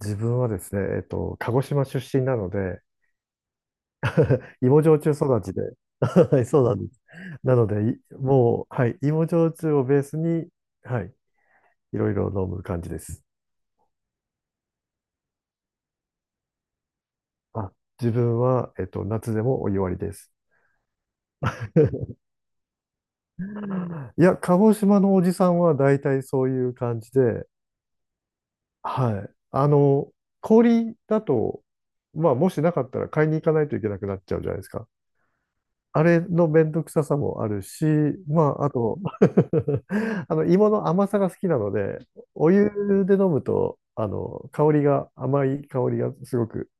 自分はですね、鹿児島出身なので、芋焼酎育ちで、はい、そうなんです。なので、いもう、はい、芋焼酎をベースに、はい、いろいろ飲む感じです。あ、自分は、夏でもお湯割りです。いや、鹿児島のおじさんは大体そういう感じで、はい。あの、氷だと、まあ、もしなかったら買いに行かないといけなくなっちゃうじゃないですか。あれのめんどくささもあるし、まあ、あと あの、芋の甘さが好きなので、お湯で飲むと、あの、香りが、甘い香りがすごく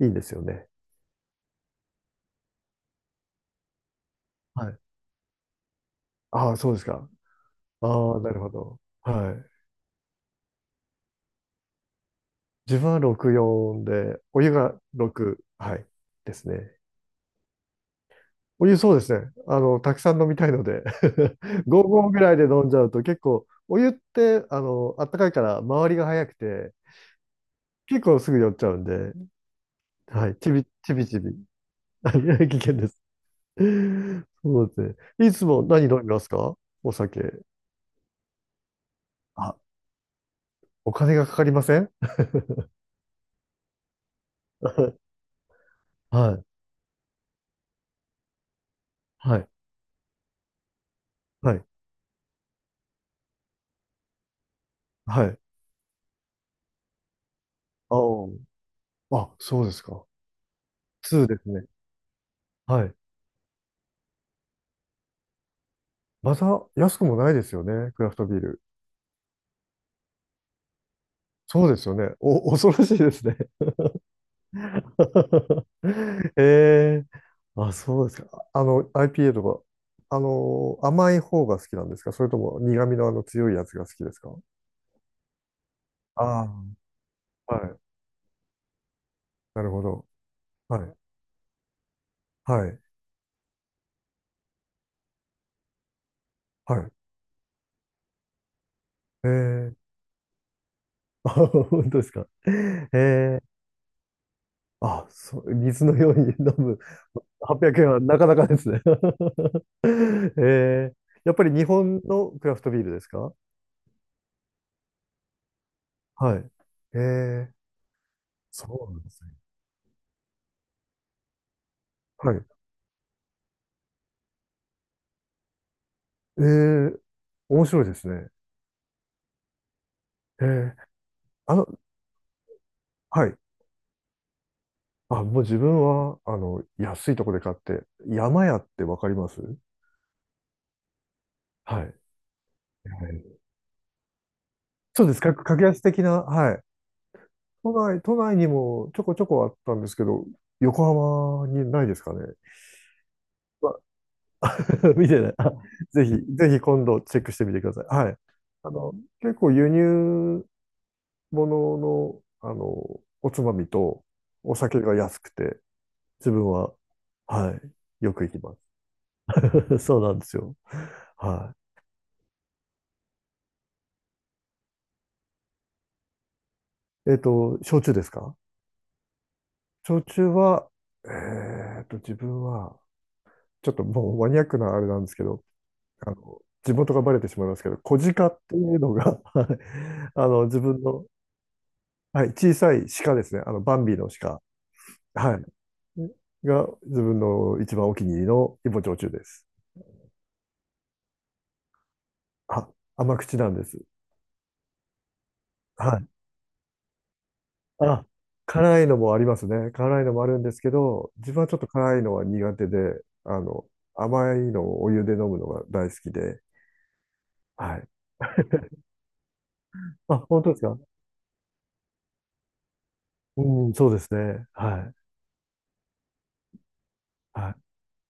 いいんですよね。はい。ああ、そうですか。ああ、なるほど。はい。自分は64で、お湯が6、はい、ですね。お湯そうですね。あの、たくさん飲みたいので 5合ぐらいで飲んじゃうと結構、お湯って、あの、あったかいから、周りが早くて、結構すぐ酔っちゃうんで、はい。ちびちび。はい、危険です。そうですね。いつも何飲みますか？お酒。あ、お金がかかりません？ はい。はい。はい。はい。ああ。あ、そうですか。2ですね。はい。また安くもないですよね。クラフトビール。そうですよね。お、恐ろしいですね。ええ、あ、そうですか。あの、IPA とか、あの、甘い方が好きなんですか？それとも苦味のあの強いやつが好きですか？ああ、はい。なるほど。はい。はい。はい。えー、あ、本当ですか。えー、あ、そう、水のように飲む？800円はなかなかですね。えー、やっぱり日本のクラフトビールですか？はい。えー、そうなんですね。はい。えー、面白いですね。えー、あの、はい。あ、もう自分は、あの、安いとこで買って、山屋ってわかります？はい。はい、そうです。格格安的な、はい。都内、都内にもちょこちょこあったんですけど、横浜にないですかね。まあ 見てない。あ、ぜひ、ぜひ今度チェックしてみてください。はい。あの、結構輸入物の、あの、おつまみとお酒が安くて、自分は、はい、よく行きます。そうなんですよ。はい。焼酎ですか？焼酎は、自分は、ちょっともうマニアックなあれなんですけど、あの、地元がバレてしまいますけど、小鹿っていうのが はい、あの、自分の、はい、小さい鹿ですね。あの、バンビの鹿。はい。が、自分の一番お気に入りの芋焼酎です。あ、甘口なんです。はい。あ、辛いのもありますね。辛いのもあるんですけど、自分はちょっと辛いのは苦手で、あの、甘いのをお湯で飲むのが大好きで、はい。あ、本当ですか？うん、そうですね。はい。はい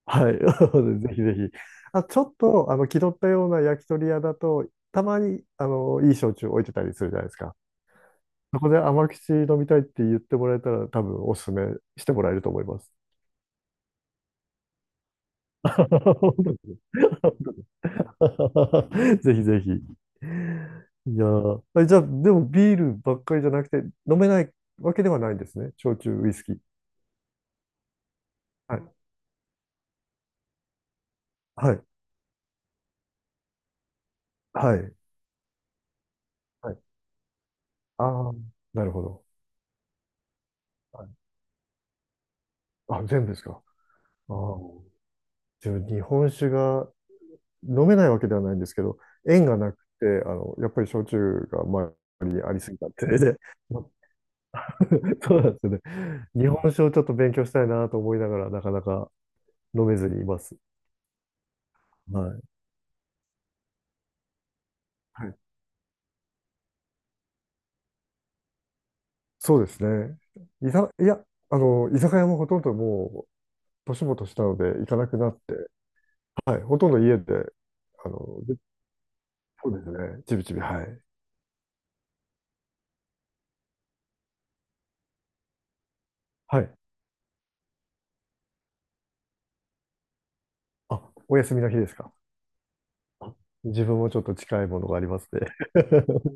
はい。ぜひぜひ。あ、ちょっと、あの、気取ったような焼き鳥屋だと、たまに、あの、いい焼酎置いてたりするじゃないですか。そこで甘口飲みたいって言ってもらえたら、多分おすすめしてもらえると思います。本当です ぜひぜひ。いやー、え、じゃあ、でもビールばっかりじゃなくて、飲めないわけではないんですね。焼酎、ウイスキー。はい。はい。はい。はい。ああ、なるほど。はい、あ、全部ですか。ああ。自分、日本酒が飲めないわけではないんですけど、縁がなくて、あの、やっぱり焼酎が周りにありすぎたってで、そうなんですよね。日本酒をちょっと勉強したいなと思いながら、なかなか飲めずにいます。はい。はい、そうですね。いや、あの、居酒屋もほとんどもう、年も年したので行かなくなって、はい、ほとんど家で、あの、で、そうですね。ちびちび、はい。はい。あ、お休みの日ですか。自分もちょっと近いものがありますね。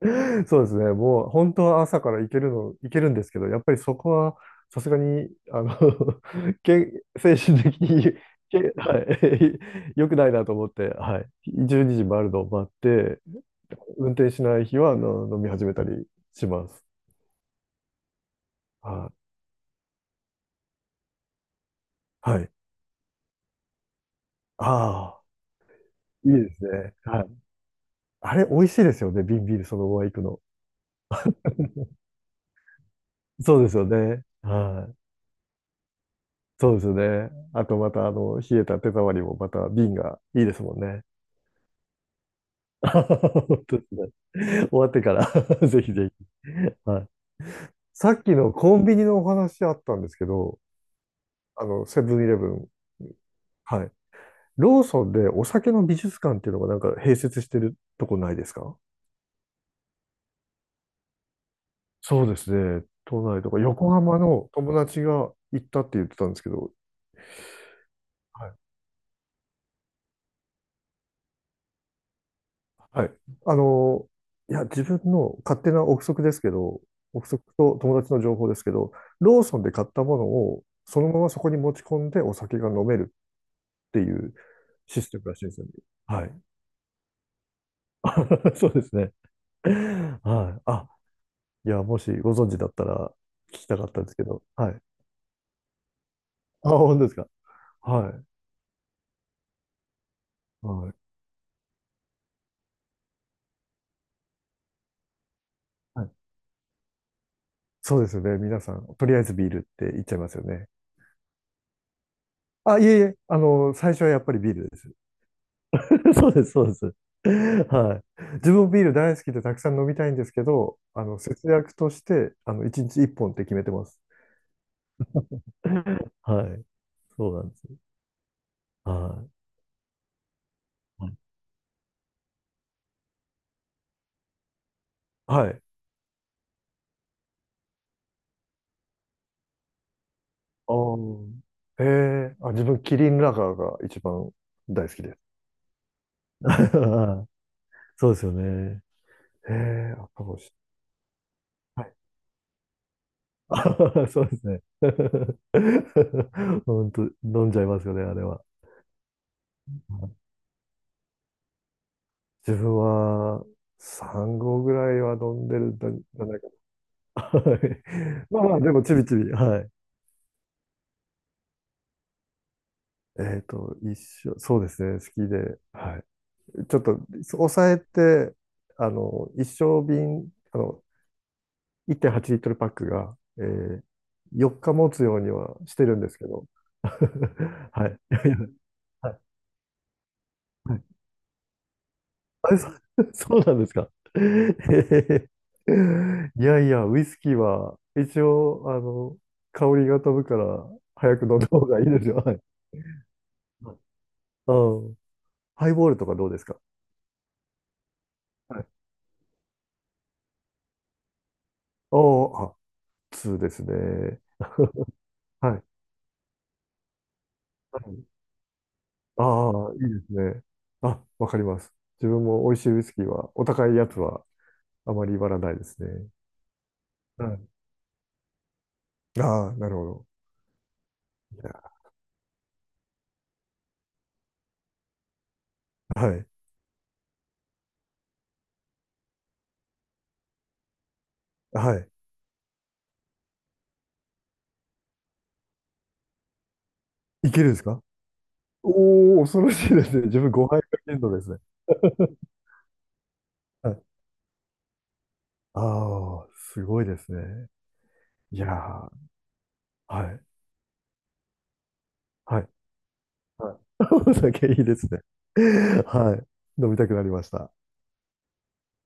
そうですね。もう本当は朝から行けるの、行けるんですけど、やっぱりそこはさすがに、あの、け、精神的に、はい、良くないなと思って、はい。12時回るのを待って、運転しない日は、あの、飲み始めたりします。はい。はい。ああ、いいですね。はい。あれ、美味しいですよね。瓶ビールそのまま行くの。そうですよね。はい。そうですよね。あとまた、あの、冷えた手触りもまた瓶がいいですもんね。本当ですね。終わってから ぜひぜひ。はい。さっきのコンビニのお話あったんですけど、あの、セブンイレブン。はい。ローソンでお酒の美術館っていうのがなんか併設してるとこないですか？そうですね。都内とか横浜の友達が行ったって言ってたんですけど、はい。はい。あの、いや、自分の勝手な憶測ですけど、憶測と友達の情報ですけど、ローソンで買ったものをそのままそこに持ち込んでお酒が飲めるっていうシステムらしいんですよね。はい。そうですね。はい。あ、いや、もしご存知だったら聞きたかったんですけど。はい。あ、本当ですか。はい。はい。はい、そうですよね。皆さん、とりあえずビールって言っちゃいますよね。あ、いえいえ、あの、最初はやっぱりビールです。そうです、そうです。はい。自分もビール大好きでたくさん飲みたいんですけど、あの、節約として、あの、1日1本っぽんって決めてます。はい。そうなんです。はい。はい。ああ、へえ、あ、自分、キリンラガーが一番大好きです。ああ、そうですよね。へえ、赤星。はい。ああ、そうですね。本当、飲んじゃいますよね、あれは。自分は3合ぐらいは飲んでるんじゃないかな。はい、まあまあ、でも、ちびちび、はい。一生、そうですね、好きで、はい。ちょっと、抑えて、あの、一升瓶、あの、1.8リットルパックが、えー、4日持つようにはしてるんですけど。はい。いやいや、はいはい、あれ、そうなんですか。えー、いやいや、ウイスキーは一応、あの、香りが飛ぶから早く飲んだ方がいいですよ。はい。うん。ハイボールとかどうですか？はい。おー、あ、2ですね。はい。はい、ああー、いいですね。あ、わかります。自分も美味しいウイスキーは、お高いやつはあまり言らないですね。はい。ああ、なるほど。いや、はい。はい。いけるんですか？おおー、恐ろしいですね。自分5杯かけるのですね。はい。ああ、すごいですね。いやー、はい。はい。はい。お酒いいですね。はい。飲みたくなりました。